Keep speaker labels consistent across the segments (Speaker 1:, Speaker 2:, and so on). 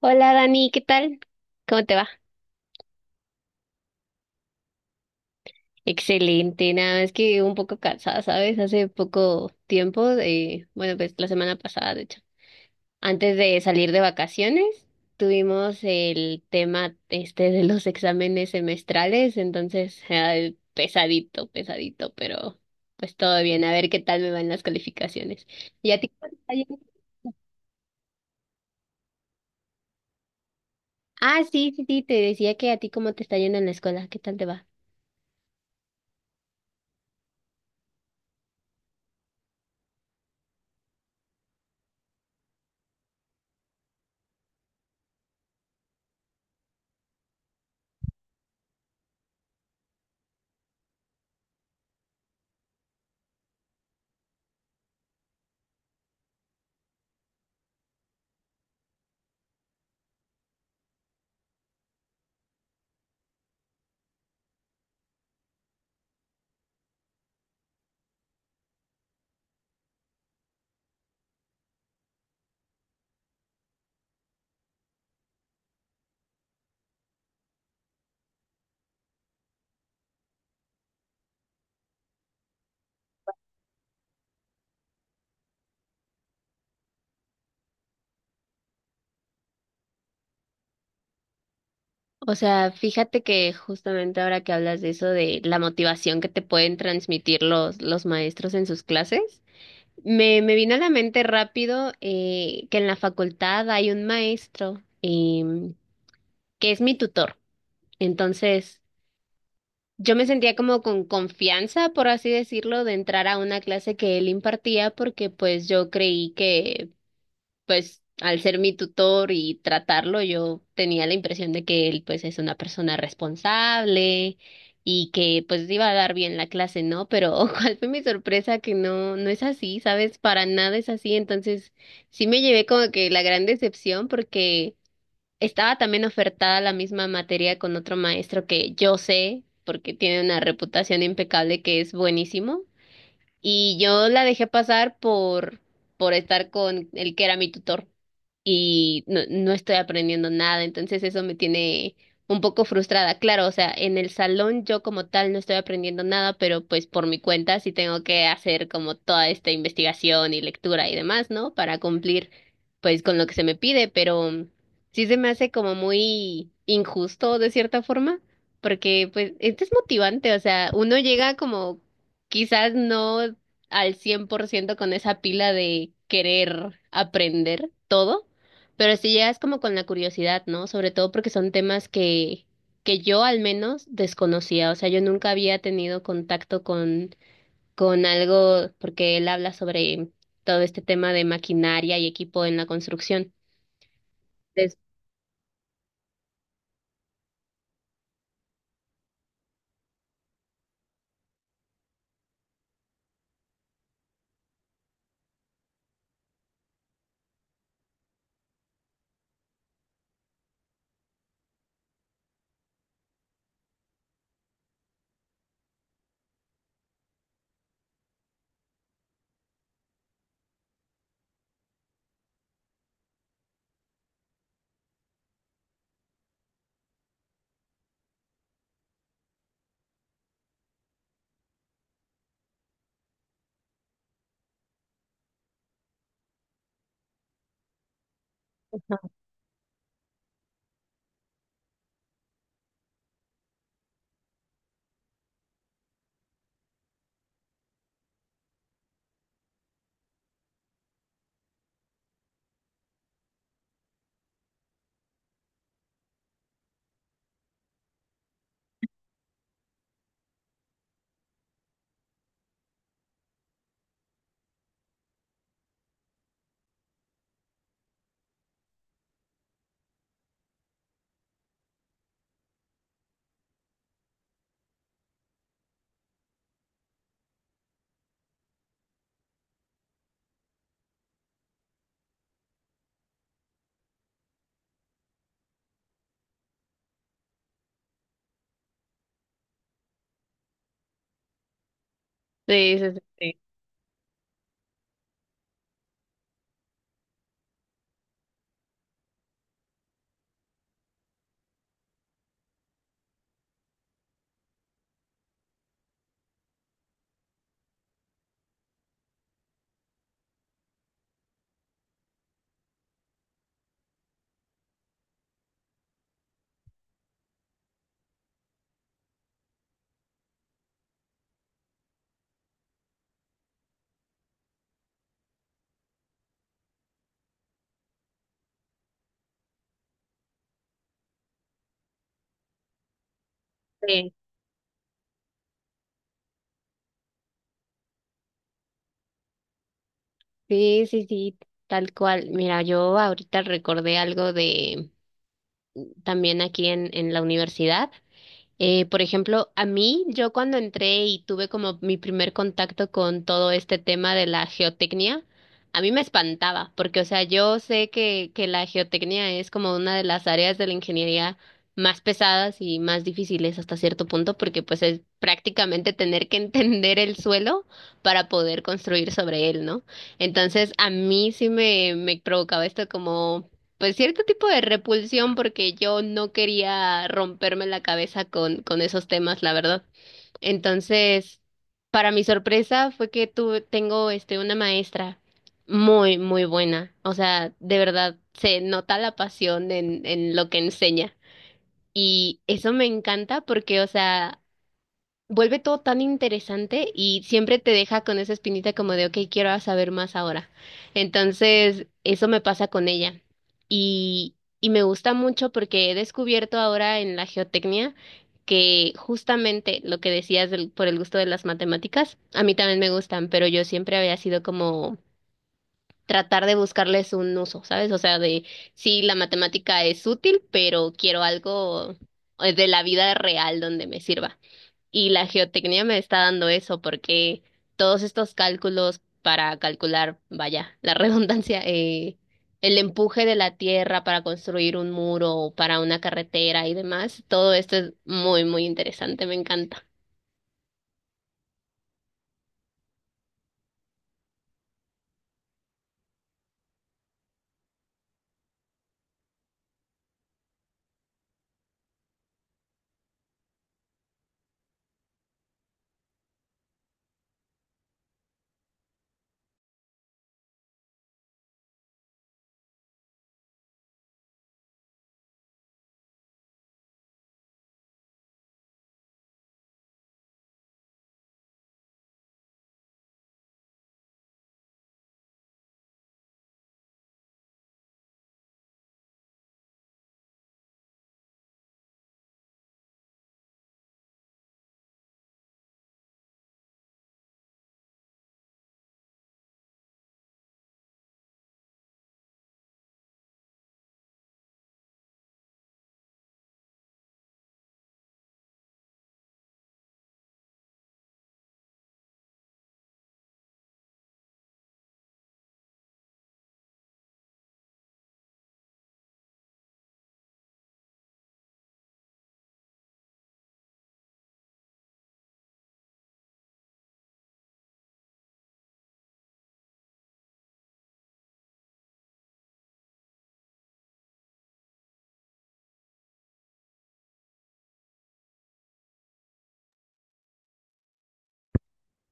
Speaker 1: Hola Dani, ¿qué tal? ¿Cómo te va? Excelente, nada más que un poco cansada, ¿sabes? Hace poco tiempo, bueno, pues la semana pasada, de hecho, antes de salir de vacaciones, tuvimos el tema este de los exámenes semestrales, entonces, ay, pesadito, pesadito, pero pues todo bien, a ver qué tal me van las calificaciones. ¿Y a ti cómo te está yendo? Ah, sí, sí, sí, te decía que a ti cómo te está yendo en la escuela, ¿qué tal te va? O sea, fíjate que justamente ahora que hablas de eso, de la motivación que te pueden transmitir los maestros en sus clases, me vino a la mente rápido que en la facultad hay un maestro que es mi tutor. Entonces, yo me sentía como con confianza, por así decirlo, de entrar a una clase que él impartía porque pues yo creí que pues al ser mi tutor y tratarlo, yo tenía la impresión de que él pues es una persona responsable y que pues iba a dar bien la clase, ¿no? Pero cuál fue mi sorpresa que no, no es así, ¿sabes? Para nada es así. Entonces sí me llevé como que la gran decepción porque estaba también ofertada la misma materia con otro maestro que yo sé, porque tiene una reputación impecable que es buenísimo. Y yo la dejé pasar por estar con el que era mi tutor y no, no estoy aprendiendo nada, entonces eso me tiene un poco frustrada. Claro, o sea, en el salón yo como tal no estoy aprendiendo nada, pero pues por mi cuenta sí tengo que hacer como toda esta investigación y lectura y demás, ¿no? Para cumplir pues con lo que se me pide, pero sí se me hace como muy injusto de cierta forma, porque pues es desmotivante, o sea, uno llega como quizás no al 100% con esa pila de querer aprender todo, pero si llegas como con la curiosidad, ¿no? Sobre todo porque son temas que yo al menos desconocía. O sea, yo nunca había tenido contacto con algo, porque él habla sobre todo este tema de maquinaria y equipo en la construcción. Entonces, sí, sí, sí. Sí. Sí, sí, sí, sí, tal cual. Mira, yo ahorita recordé algo de también aquí en la universidad. Por ejemplo, a mí, yo cuando entré y tuve como mi primer contacto con todo este tema de la geotecnia, a mí me espantaba, porque, o sea, yo sé que la geotecnia es como una de las áreas de la ingeniería más pesadas y más difíciles hasta cierto punto, porque pues es prácticamente tener que entender el suelo para poder construir sobre él, ¿no? Entonces, a mí sí me provocaba esto como pues cierto tipo de repulsión porque yo no quería romperme la cabeza con esos temas, la verdad. Entonces, para mi sorpresa fue que tuve, tengo este una maestra muy, muy buena. O sea, de verdad se nota la pasión en lo que enseña. Y eso me encanta porque, o sea, vuelve todo tan interesante y siempre te deja con esa espinita como de, ok, quiero saber más ahora. Entonces, eso me pasa con ella. Y me gusta mucho porque he descubierto ahora en la geotecnia que justamente lo que decías del- por el gusto de las matemáticas, a mí también me gustan, pero yo siempre había sido como tratar de buscarles un uso, ¿sabes? O sea, de sí, la matemática es útil, pero quiero algo de la vida real donde me sirva. Y la geotecnia me está dando eso porque todos estos cálculos para calcular, vaya, la redundancia, el empuje de la tierra para construir un muro o para una carretera y demás, todo esto es muy, muy interesante, me encanta.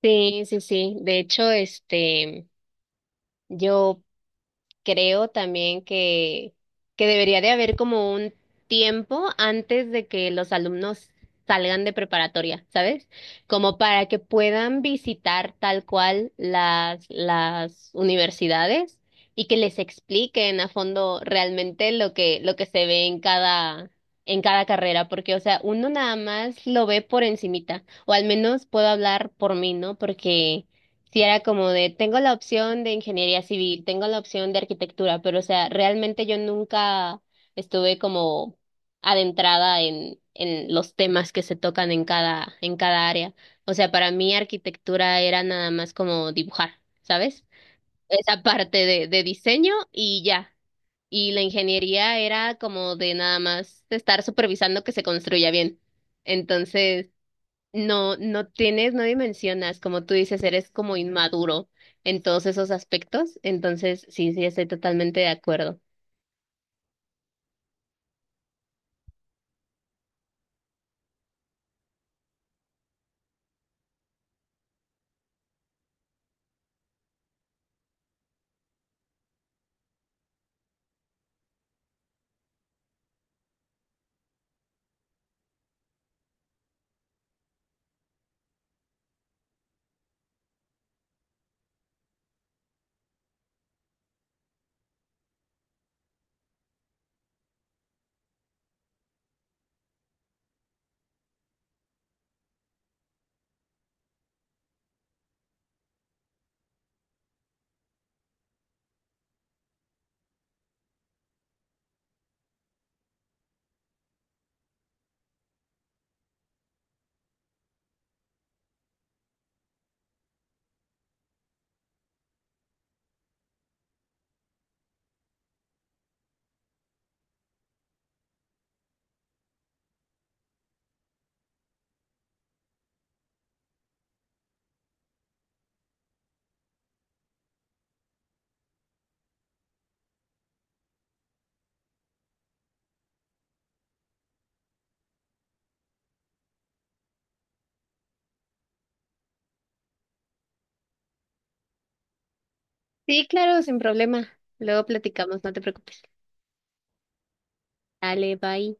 Speaker 1: Sí, sí, sí. De hecho, yo creo también que debería de haber como un tiempo antes de que los alumnos salgan de preparatoria, ¿sabes? Como para que puedan visitar tal cual las universidades y que les expliquen a fondo realmente lo lo que se ve en cada carrera, porque, o sea, uno nada más lo ve por encimita, o al menos puedo hablar por mí, ¿no? Porque sí, era como de, tengo la opción de ingeniería civil, tengo la opción de arquitectura, pero o sea, realmente yo nunca estuve como adentrada en los temas que se tocan en cada área. O sea, para mí arquitectura era nada más como dibujar, ¿sabes? Esa parte de diseño y ya. Y la ingeniería era como de nada más estar supervisando que se construya bien. Entonces, no, no tienes, no dimensionas, como tú dices, eres como inmaduro en todos esos aspectos. Entonces, sí, sí, estoy totalmente de acuerdo. Sí, claro, sin problema. Luego platicamos, no te preocupes. Dale, bye.